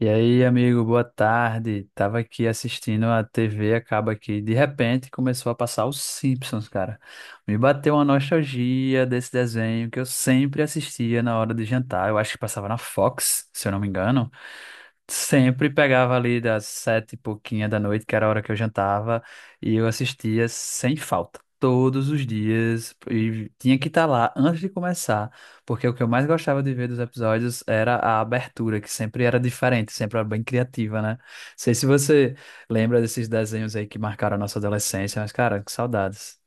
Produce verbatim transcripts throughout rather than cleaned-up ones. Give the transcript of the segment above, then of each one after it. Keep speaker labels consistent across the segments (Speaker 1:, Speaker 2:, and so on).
Speaker 1: E aí, amigo, boa tarde. Tava aqui assistindo a T V, acaba aqui. De repente começou a passar os Simpsons, cara. Me bateu uma nostalgia desse desenho que eu sempre assistia na hora de jantar. Eu acho que passava na Fox, se eu não me engano. Sempre pegava ali das sete e pouquinha da noite, que era a hora que eu jantava, e eu assistia sem falta, todos os dias, e tinha que estar lá antes de começar, porque o que eu mais gostava de ver dos episódios era a abertura, que sempre era diferente, sempre era bem criativa, né? Não sei se você lembra desses desenhos aí que marcaram a nossa adolescência, mas cara, que saudades.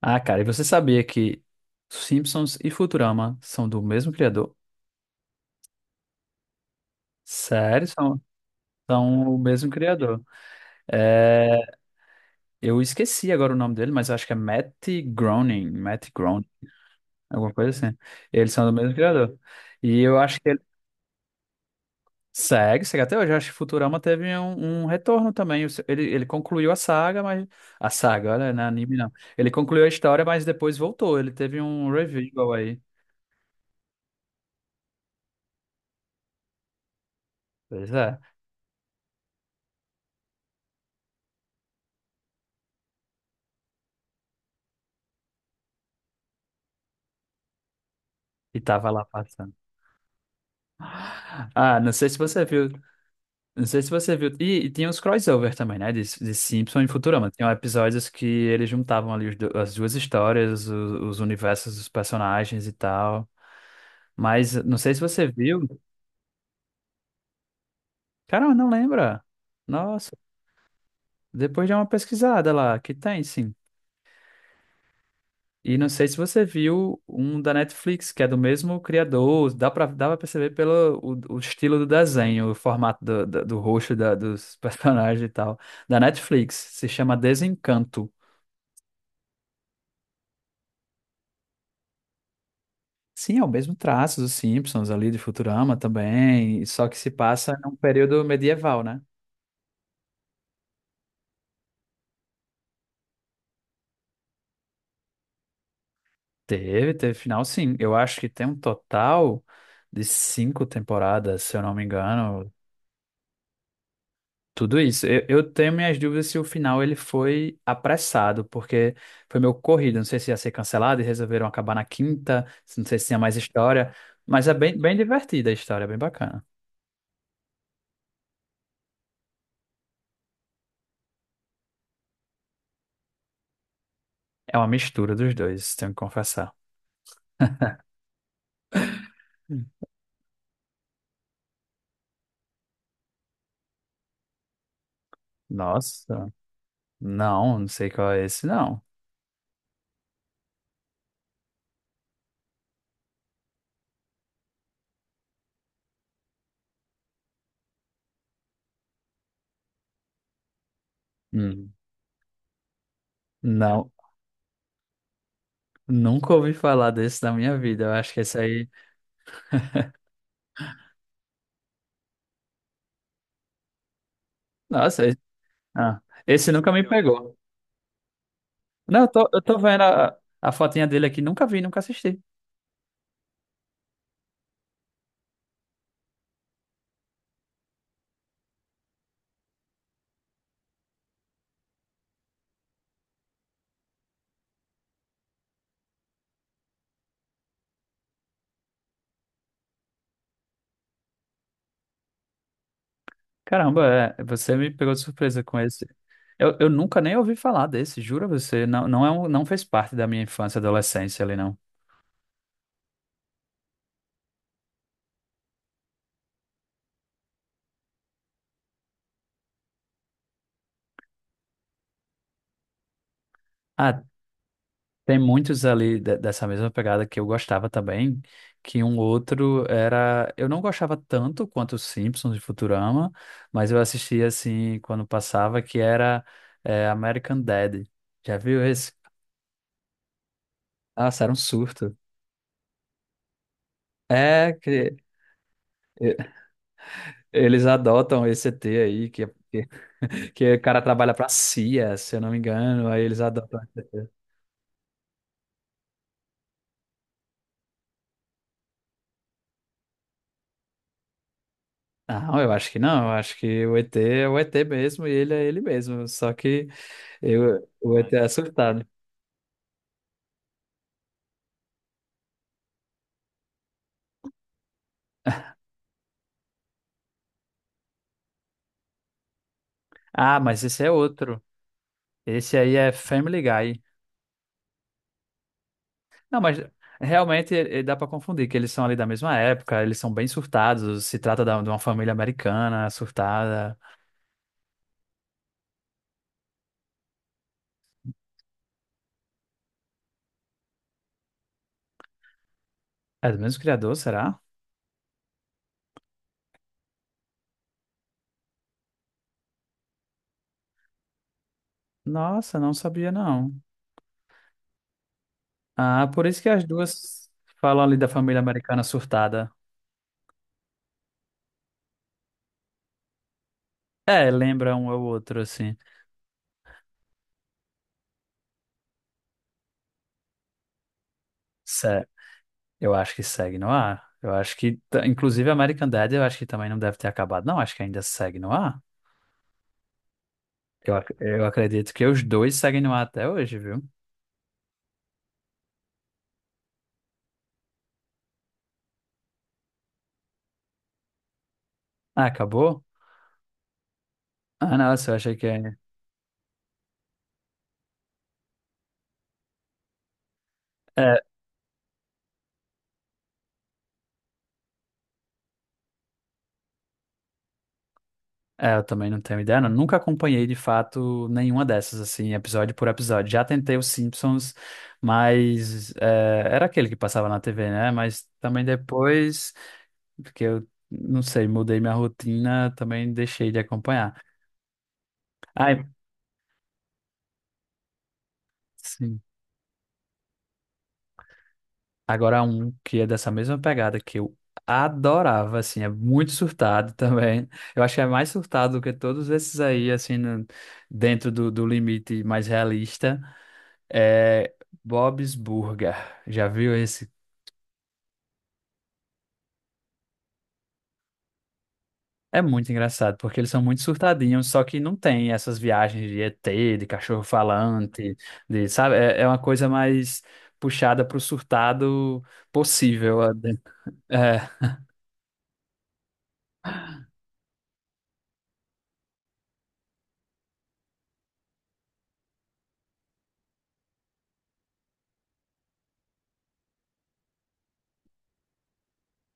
Speaker 1: Ah, cara, e você sabia que Simpsons e Futurama são do mesmo criador? Sério, são, são o mesmo criador. É, eu esqueci agora o nome dele, mas acho que é Matt Groening, Matt Groening, alguma coisa assim. Eles são do mesmo criador. E eu acho que ele segue, segue até hoje. Eu acho que Futurama teve um, um retorno também. O se- Ele, ele concluiu a saga, mas. A saga, olha, não é anime não. Ele concluiu a história, mas depois voltou. Ele teve um revival aí. Pois é. E tava lá passando. Ah, não sei se você viu. Não sei se você viu. E, e tinha os crossover também, né? De, de Simpsons e Futurama. Tinham episódios que eles juntavam ali os do- as duas histórias, o- os universos dos personagens e tal. Mas não sei se você viu. Cara, não lembra. Nossa, depois de uma pesquisada lá, que tem sim. E não sei se você viu um da Netflix, que é do mesmo criador. Dá pra, dá pra perceber pelo o, o estilo do desenho, o formato do, do, do rosto da- dos personagens e tal. Da Netflix. Se chama Desencanto. Sim, é o mesmo traço dos Simpsons ali, de Futurama também, só que se passa num período medieval, né? Teve, teve final, sim. Eu acho que tem um total de cinco temporadas, se eu não me engano. Tudo isso. Eu, eu tenho minhas dúvidas se o final ele foi apressado, porque foi meio corrido. Não sei se ia ser cancelado e resolveram acabar na quinta. Não sei se tinha mais história, mas é bem, bem divertida a história, é bem bacana. É uma mistura dos dois, tenho que confessar. Hum. Nossa. Não, não sei qual é esse, não. Hum. Não, nunca ouvi falar desse na minha vida. Eu acho que esse aí. Nossa, esse, ah, esse nunca me pegou. Não, eu tô, eu tô vendo a, a fotinha dele aqui, nunca vi, nunca assisti. Caramba, é, você me pegou de surpresa com esse. Eu, eu nunca nem ouvi falar desse, juro a você. Não, não, é um, não fez parte da minha infância e adolescência ali, não. Ah. Tem muitos ali de- dessa mesma pegada que eu gostava também, que um outro era, eu não gostava tanto quanto os Simpsons e Futurama, mas eu assistia assim quando passava, que era é, American Dad. Já viu esse? Nossa, era um surto. É que e- eles adotam esse E T aí, que, que, que o cara trabalha pra C I A, se eu não me engano, aí eles adotam esse E T. Não, eu acho que não, eu acho que o E T é o E T mesmo e ele é ele mesmo, só que Eu, eu vou até assustado. Ah, mas esse é outro. Esse aí é Family Guy. Não, mas realmente eh, dá pra confundir, que eles são ali da mesma época, eles são bem surtados. Se trata da- de uma família americana surtada. É do mesmo criador, será? Nossa, não sabia não. Ah, por isso que as duas falam ali da família americana surtada. É, lembra um ao outro, assim. Sé Eu acho que segue no ar. Eu acho que, t- inclusive, American Dad, eu acho que também não deve ter acabado. Não, acho que ainda segue no ar. Eu, ac- eu acredito que os dois seguem no ar até hoje, viu? Ah, acabou? Ah, nossa, eu achei que... É, é, é, eu também não tenho ideia. Não. Nunca acompanhei, de fato, nenhuma dessas, assim, episódio por episódio. Já tentei os Simpsons, mas... é, era aquele que passava na T V, né? Mas também depois, porque eu, não sei, mudei minha rotina, também deixei de acompanhar. Ai, sim. Agora um que é dessa mesma pegada que eu adorava, assim, é muito surtado também. Eu acho que é mais surtado do que todos esses aí, assim, no- dentro do, do limite mais realista. É Bob's Burger. Já viu esse? É muito engraçado, porque eles são muito surtadinhos, só que não tem essas viagens de E T, de cachorro falante, de, sabe? É, é uma coisa mais puxada pro surtado possível. É,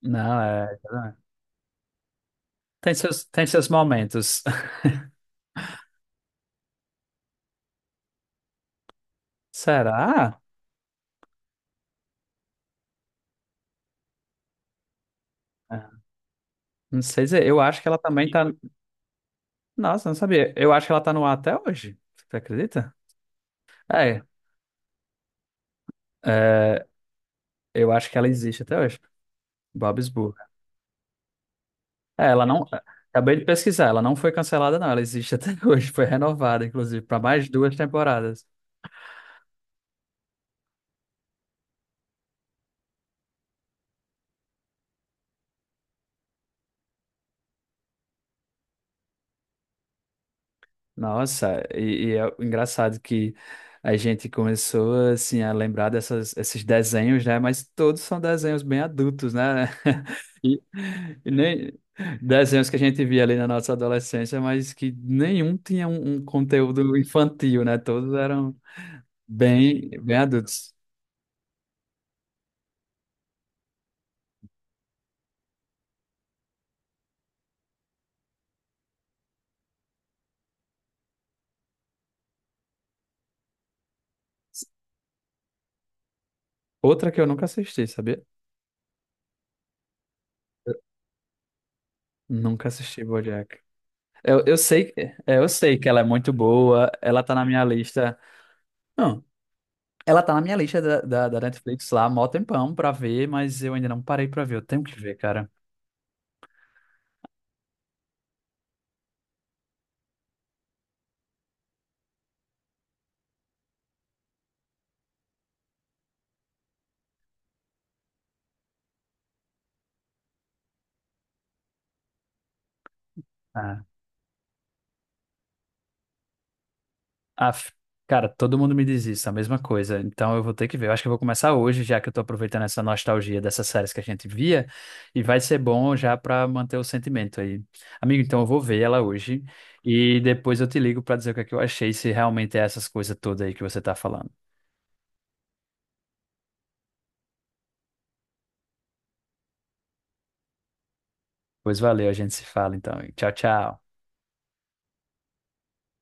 Speaker 1: não, é. Tem seus, tem seus momentos. Será? Não sei dizer. Eu acho que ela também tá. Nossa, não sabia. Eu acho que ela tá no ar até hoje. Você acredita? É, é, eu acho que ela existe até hoje. Bob Esburger. É, ela não. Acabei de pesquisar. Ela não foi cancelada, não. Ela existe até hoje. Foi renovada, inclusive, para mais duas temporadas. Nossa, e, e é engraçado que a gente começou assim a lembrar dessas, esses desenhos, né? Mas todos são desenhos bem adultos, né? E, e nem desenhos que a gente via ali na nossa adolescência, mas que nenhum tinha um, um conteúdo infantil, né? Todos eram bem, bem adultos. Outra que eu nunca assisti, sabia? Nunca assisti BoJack. Eu, eu sei, é, eu sei que ela é muito boa, ela tá na minha lista. Ela tá na minha lista da, da, da Netflix lá, mó tempão pra ver, mas eu ainda não parei pra ver. Eu tenho que ver, cara. Ah, af- cara, todo mundo me diz isso, a mesma coisa. Então eu vou ter que ver. Eu acho que eu vou começar hoje, já que eu tô aproveitando essa nostalgia dessas séries que a gente via, e vai ser bom já pra manter o sentimento aí. Amigo, então eu vou ver ela hoje e depois eu te ligo pra dizer o que é que eu achei, se realmente é essas coisas todas aí que você tá falando. Pois valeu, a gente se fala então. Tchau, tchau.